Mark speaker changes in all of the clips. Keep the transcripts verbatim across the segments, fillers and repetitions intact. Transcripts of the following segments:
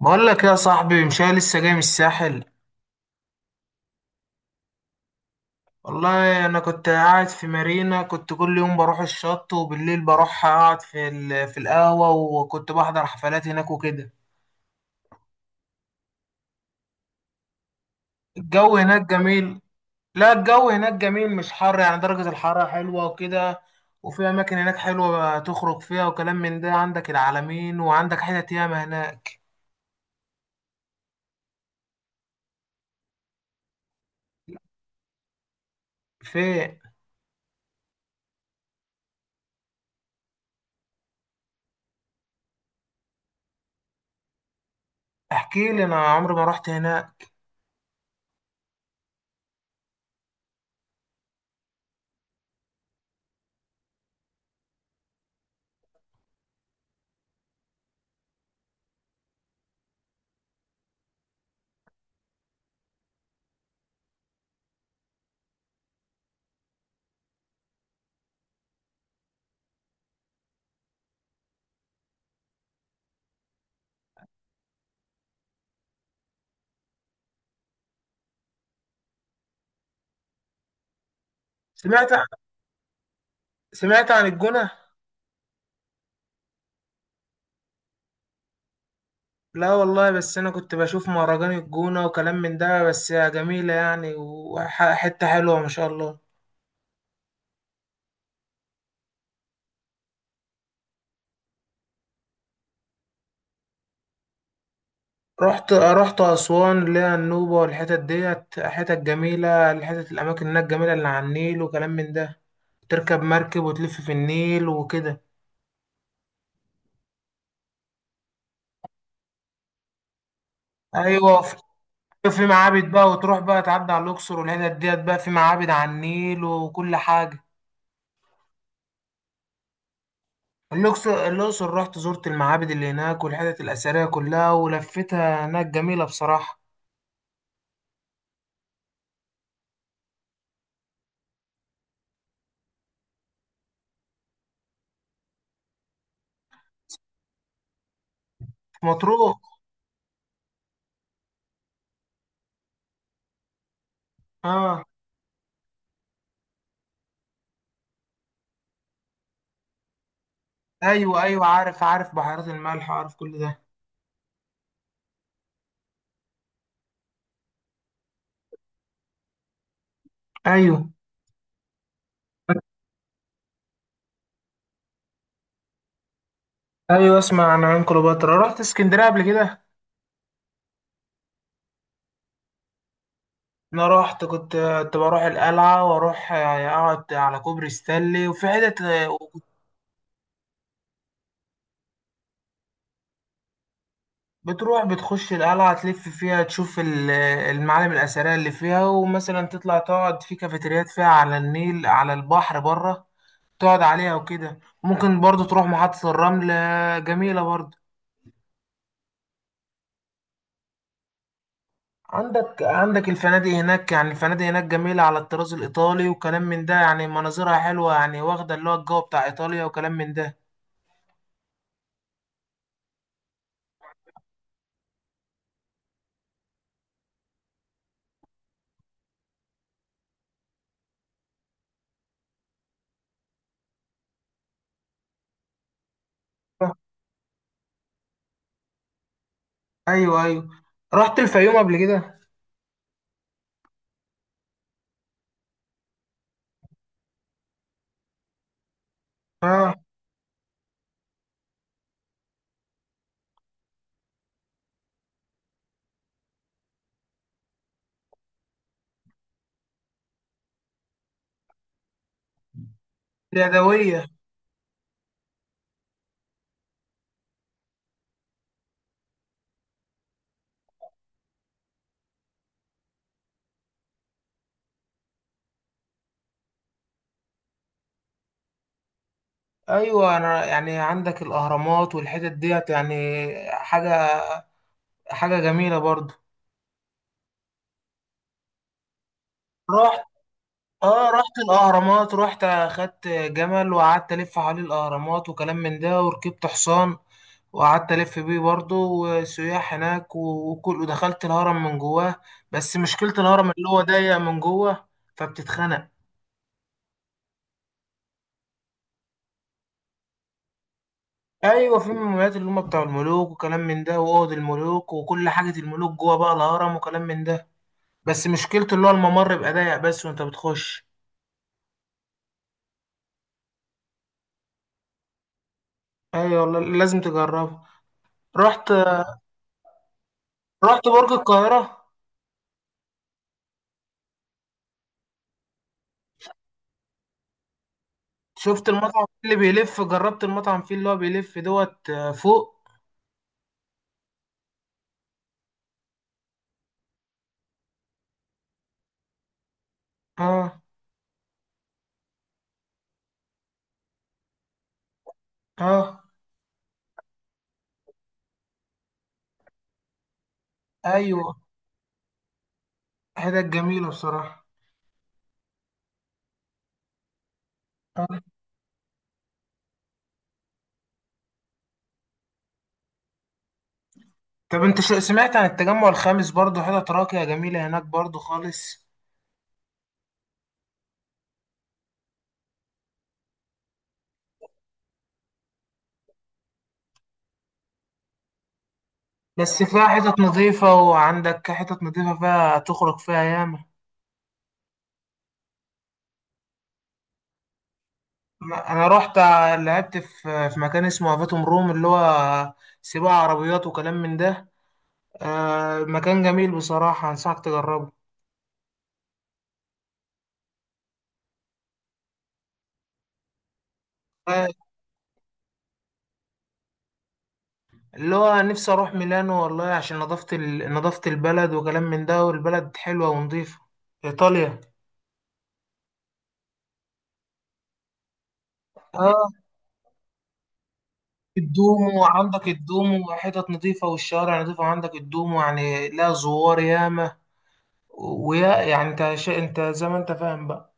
Speaker 1: بقول لك يا صاحبي، مش أنا لسه جاي من الساحل. والله انا كنت قاعد في مارينا، كنت كل يوم بروح الشط وبالليل بروح اقعد في ال- في القهوة، وكنت بحضر حفلات هناك وكده. الجو هناك جميل. لا، الجو هناك جميل، مش حر، يعني درجة الحرارة حلوة وكده. وفي اماكن هناك حلوة تخرج فيها وكلام من ده، عندك العلمين وعندك حتت ياما هناك. فين؟ احكي لي، انا عمري ما رحت هناك. سمعت سمعت عن الجونة. لا والله، بس انا كنت بشوف مهرجان الجونة وكلام من ده، بس جميلة يعني، وحتة حلوة ما شاء الله. رحت رحت اسوان، اللي هي النوبة، والحتت ديت حتت جميلة، الحتت الاماكن هناك جميلة، اللي على النيل وكلام من ده. تركب مركب وتلف في النيل وكده. ايوه، في في معابد بقى، وتروح بقى تعدي على الاقصر، والحتت ديت بقى في معابد على النيل وكل حاجة. الأقصر الأقصر، رحت زرت المعابد اللي هناك والحتت الأثرية كلها، ولفتها هناك جميلة بصراحة. مطروح. اه. ايوه، ايوه، عارف، عارف بحيرات الملح، عارف كل ده. ايوه، ايوه، اسمع عن عين كليوباترا، رحت اسكندريه قبل كده. انا رحت، كنت كنت بروح القلعه، واروح آه، اقعد على كوبري ستانلي، وفي حتت. آه، بتروح بتخش القلعه، تلف فيها، تشوف ال- المعالم الاثريه اللي فيها، ومثلا تطلع تقعد في كافيتريات فيها على النيل، على البحر بره، تقعد عليها وكده. ممكن برضو تروح محطه الرمل، آه، جميله برضو. عندك عندك الفنادق هناك، يعني الفنادق هناك جميلة على الطراز الإيطالي وكلام من ده، يعني مناظرها حلوة، يعني واخدة اللي هو الجو بتاع إيطاليا وكلام من ده. أيوه، أيوه. رحت الفيوم قبل كده. اه. اليدوية. أيوه. أنا يعني عندك الأهرامات والحتت ديت، يعني حاجة حاجة جميلة برضه. رحت. اه، رحت الاهرامات، رحت اخدت جمل وقعدت الف حوالين الاهرامات وكلام من ده، وركبت حصان وقعدت الف بيه برضه، وسياح هناك و- وكل، ودخلت الهرم من جواه. بس مشكلة الهرم اللي هو ضيق من جوه، فبتتخنق. ايوه، في المولات اللي هم بتاع الملوك وكلام من ده، واوض الملوك وكل حاجة الملوك جوه بقى الهرم وكلام من ده. بس مشكلته اللي هو الممر بيبقى ضيق، بس وانت بتخش. ايوه والله، لازم تجربه. رحت. رحت برج القاهرة. شفت المطعم اللي بيلف؟ جربت المطعم فيه، اللي هو بيلف دوت آه، فوق؟ اه. اه. ايوه. حتت جميلة بصراحة. آه. طب انت شو سمعت عن التجمع الخامس؟ برضو حتت راقية جميلة هناك برضو خالص. بس فيها حتت نظيفة، وعندك حتت نظيفة فيها تخرج فيها ياما. انا أنا رحت ع- لعبت في في مكان اسمه افاتوم روم، اللي هو سباق عربيات وكلام من ده. آه مكان جميل بصراحة، انصحك تجربه. آه، اللي هو نفسي اروح ميلانو، والله عشان نظافة ال... نظافة البلد وكلام من ده، والبلد حلوة ونظيفة. ايطاليا. اه، الدومو، وعندك الدومو، وحتت نظيفة، والشوارع نظيفة، وعندك الدومو، يعني لا، زوار ياما. ويا يعني انت شا... انت زي ما انت فاهم بقى.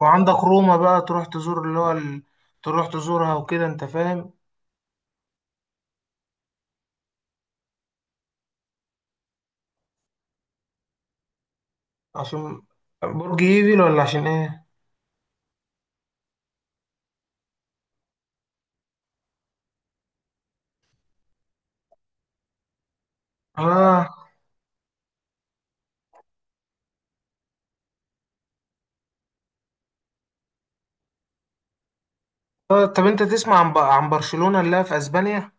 Speaker 1: وعندك روما بقى، تروح تزور اللي هو ال... تروح تزورها وكده، انت فاهم. عشان برج ايفل، ولا عشان ايه؟ اه. آه، طب انت تسمع عن ب... عن برشلونة، اللي هي في اسبانيا.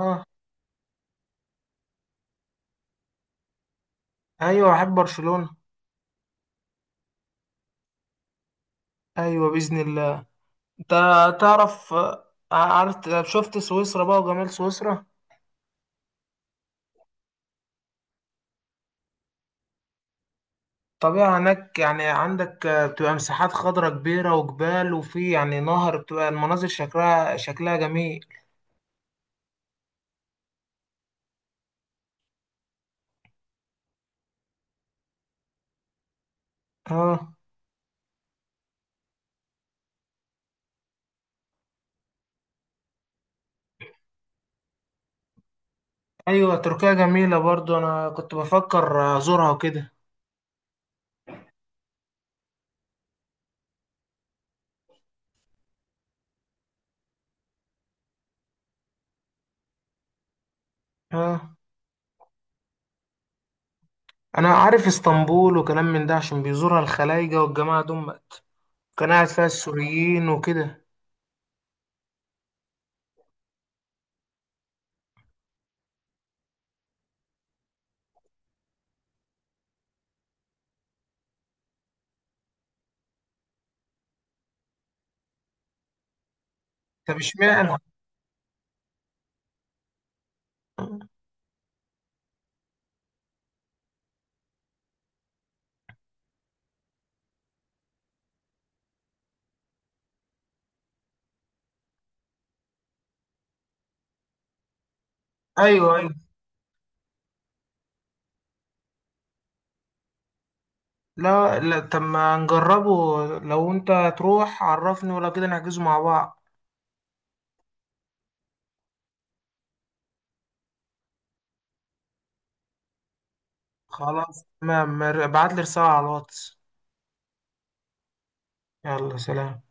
Speaker 1: اه. ايوه، احب برشلونة. ايوه، باذن الله. انت تعرف، آه، عارف، شفت سويسرا بقى وجمال سويسرا. طبيعة هناك يعني، عندك آه، بتبقى مساحات خضراء كبيرة وجبال، وفي يعني نهر، بتبقى المناظر شكلها شكلها جميل. اه. ايوه، تركيا جميلة برضو، انا كنت بفكر ازورها وكده. اه، انا عارف اسطنبول وكلام من ده عشان بيزورها الخلايجة والجماعة دول، كان قاعد فيها السوريين وكده. طب اشمعنى؟ ايوه، ايوه. لا، لا، طب ما نجربه، لو انت تروح عرفني، ولو كده نحجزه مع بعض. خلاص تمام، ابعت لي رسالة على الواتس. يلا، سلام.